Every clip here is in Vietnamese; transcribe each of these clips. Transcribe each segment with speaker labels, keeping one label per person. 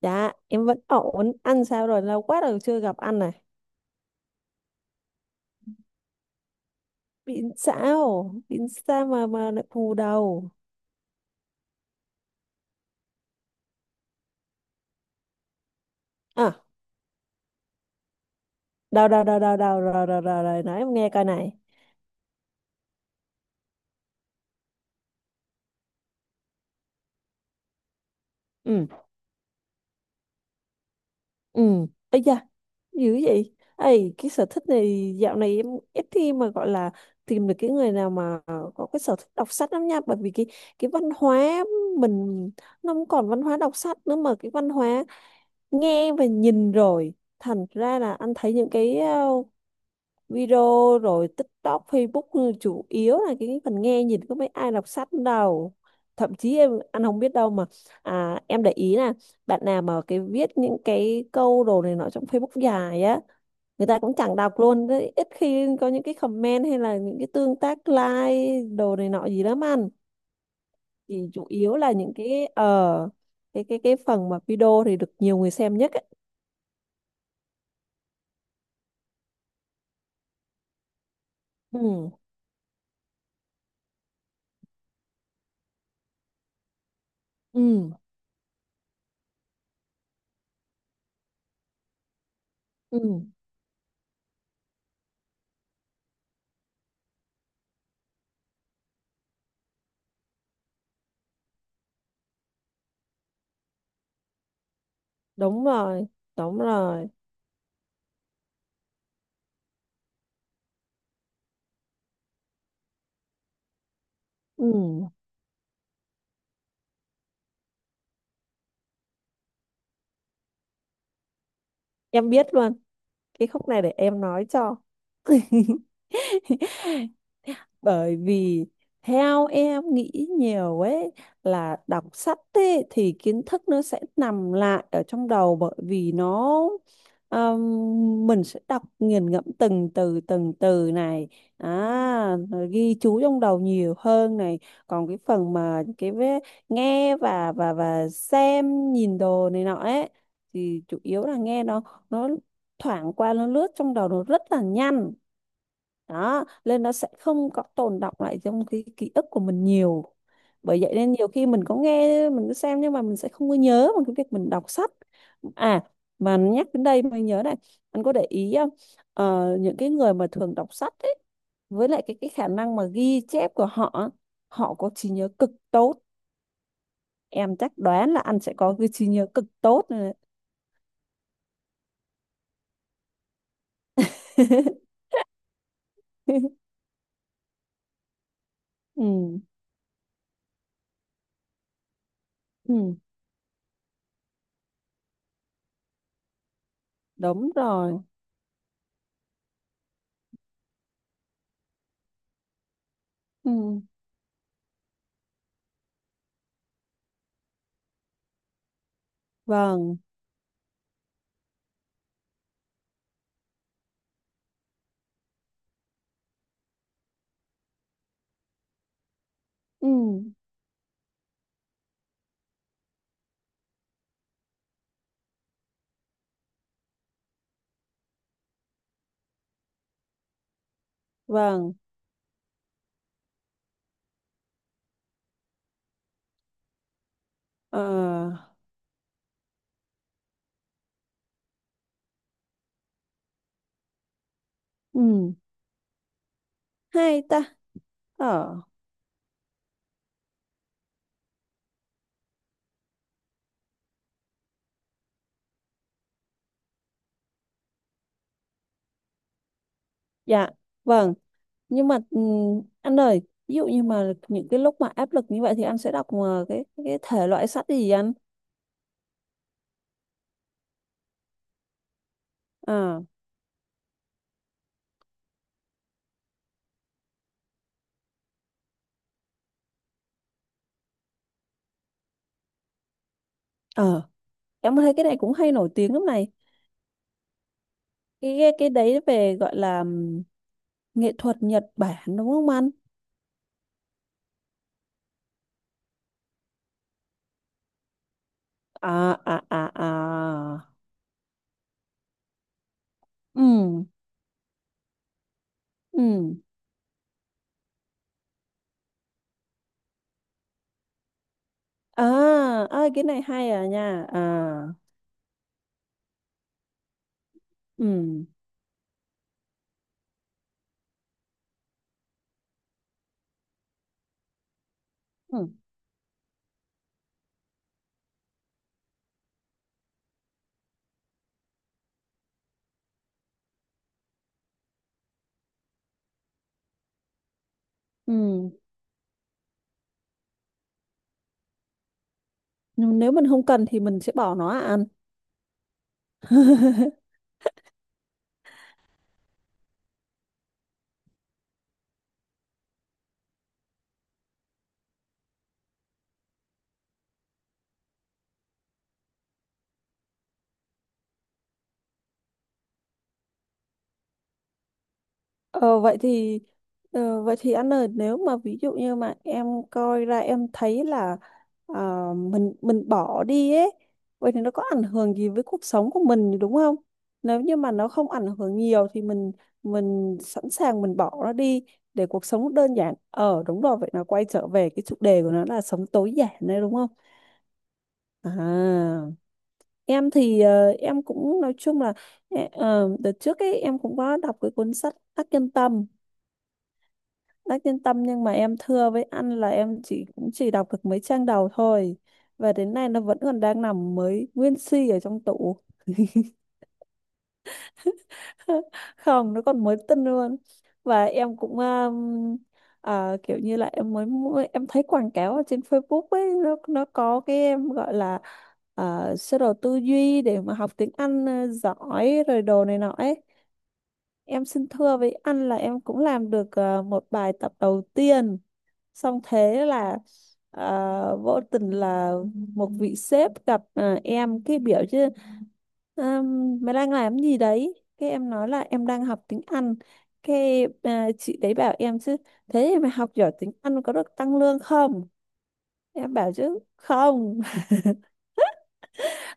Speaker 1: Dạ, em vẫn ổn. Ăn sao rồi? Lâu quá rồi chưa gặp anh này. Biển sao? Biển sao mà lại phù đầu? À, đầu đầu đầu đầu đầu rồi rồi rồi rồi nói em nghe coi này. Ừ, ừ. Ây da, dữ vậy. Ây, cái sở thích này dạo này em ít khi mà gọi là tìm được cái người nào mà có cái sở thích đọc sách lắm nha. Bởi vì cái văn hóa mình nó không còn văn hóa đọc sách nữa mà cái văn hóa nghe và nhìn rồi. Thành ra là anh thấy những cái video rồi TikTok, Facebook, ừ, chủ yếu là cái phần nghe nhìn có mấy ai đọc sách đâu, thậm chí em anh không biết đâu mà à, em để ý là bạn nào mà cái viết những cái câu đồ này nọ trong Facebook dài á người ta cũng chẳng đọc luôn đấy. Ít khi có những cái comment hay là những cái tương tác like đồ này nọ gì lắm anh thì chủ yếu là những cái cái phần mà video thì được nhiều người xem nhất ấy. Ừ, ừ, ừ, đúng rồi, đúng rồi. Ừ, em biết luôn cái khúc này để em nói cho. Bởi vì theo em nghĩ nhiều ấy, là đọc sách ấy, thì kiến thức nó sẽ nằm lại ở trong đầu bởi vì nó, mình sẽ đọc nghiền ngẫm từng từ này, à, rồi ghi chú trong đầu nhiều hơn này. Còn cái phần mà nghe và xem nhìn đồ này nọ ấy thì chủ yếu là nghe nó thoảng qua nó lướt trong đầu nó rất là nhanh, đó nên nó sẽ không có tồn đọng lại trong cái ký ức của mình nhiều. Bởi vậy nên nhiều khi mình có nghe mình có xem nhưng mà mình sẽ không có nhớ bằng cái việc mình đọc sách. À, mà nhắc đến đây mới nhớ này, anh có để ý không? Ờ, những cái người mà thường đọc sách ấy, với lại cái khả năng mà ghi chép của họ họ có trí nhớ cực tốt. Em chắc đoán là anh sẽ có cái trí nhớ cực tốt này đấy. Ừ, ừ, đúng rồi. Ừ, vâng. Ừ. Vâng. Ờ. Ừ. Hay ta. Ờ. Dạ. Vâng. Nhưng mà anh ơi, ví dụ như mà những cái lúc mà áp lực như vậy thì anh sẽ đọc cái thể loại sách gì anh? Ờ, ờ, em thấy cái này cũng hay nổi tiếng lắm này. Cái đấy về gọi là nghệ thuật Nhật Bản đúng không anh? À, à, à, à. Ừ, ừ. À, à, cái này hay à nha à. Ừ, ừ, ừ. Nếu mình không cần thì mình sẽ bỏ nó à anh? Ờ, vậy thì ờ, vậy thì anh ơi, nếu mà ví dụ như mà em coi ra em thấy là mình bỏ đi ấy, vậy thì nó có ảnh hưởng gì với cuộc sống của mình đúng không? Nếu như mà nó không ảnh hưởng nhiều thì mình sẵn sàng mình bỏ nó đi để cuộc sống đơn giản. Ờ, đúng rồi, vậy nó quay trở về cái chủ đề của nó là sống tối giản đấy đúng không? À, em thì em cũng nói chung là đợt trước ấy em cũng có đọc cái cuốn sách Đắc Nhân Tâm nhưng mà em thưa với anh là em chỉ cũng chỉ đọc được mấy trang đầu thôi, và đến nay nó vẫn còn đang nằm mới nguyên si ở trong tủ. Không, nó còn mới tinh luôn. Và em cũng kiểu như là em thấy quảng cáo ở trên Facebook ấy, nó có cái em gọi là sơ đồ tư duy để mà học tiếng Anh giỏi rồi đồ này nọ ấy. Em xin thưa với anh là em cũng làm được một bài tập đầu tiên, xong thế là vô tình là một vị sếp gặp em cái biểu chứ mày đang làm gì đấy, cái em nói là em đang học tiếng Anh, cái à, chị đấy bảo em chứ thế thì mày học giỏi tiếng Anh có được tăng lương không? Em bảo chứ không.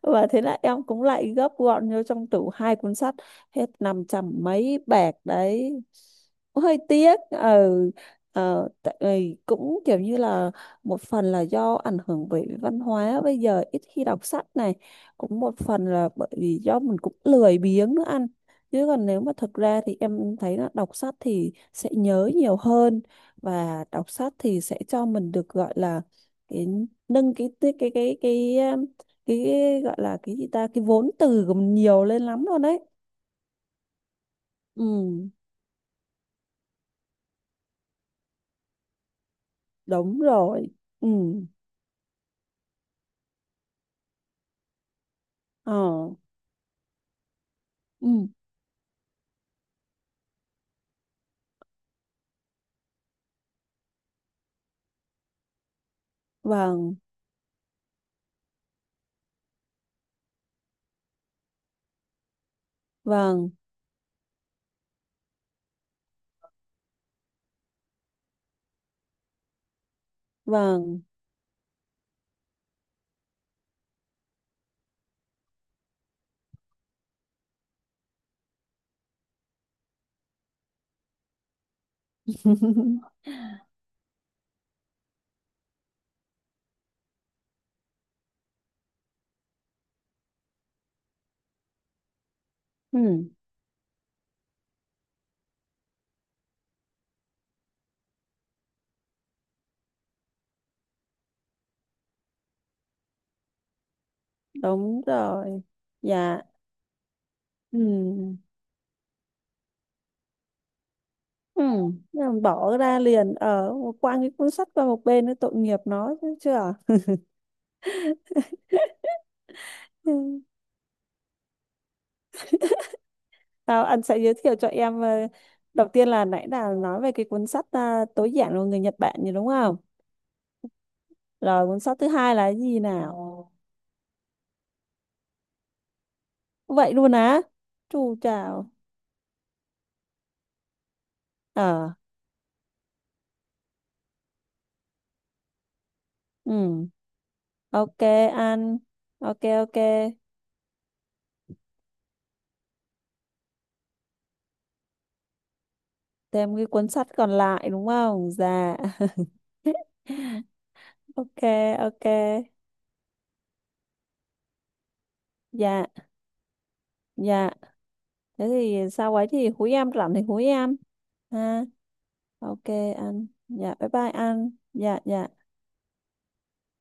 Speaker 1: Và thế là em cũng lại gấp gọn vô trong tủ hai cuốn sách, hết 500 mấy bạc đấy, hơi tiếc. Ừ, tại vì cũng kiểu như là một phần là do ảnh hưởng bởi văn hóa bây giờ ít khi đọc sách này, cũng một phần là bởi vì do mình cũng lười biếng nữa anh. Chứ còn nếu mà thật ra thì em thấy là đọc sách thì sẽ nhớ nhiều hơn, và đọc sách thì sẽ cho mình được gọi là cái nâng cái gọi là cái gì ta cái vốn từ của mình nhiều lên lắm luôn đấy. Ừ, đúng rồi. Ừ. Ờ. Ừ. Vâng, vâng, vâng. Ừ, đúng rồi. Dạ. Ừ, ừ. Thế là bỏ ra liền ở, quăng cái cuốn sách qua một bên, nó tội nghiệp nó chứ chưa. Ừ. Anh sẽ giới thiệu cho em đầu tiên là nãy là nói về cái cuốn sách à, tối giản của người Nhật Bản gì đúng không? Rồi cuốn sách thứ hai là cái gì nào? Vậy luôn á? Chu chào. Ờ, ừ, ok ăn. Ok, ok. Thêm cái cuốn sách còn lại đúng không? Dạ. Ok, ok. Dạ, dạ. Thế thì sau ấy thì húi em rảnh thì húi em. Ha. Ok, ăn. Dạ, bye bye ăn. Dạ, dạ.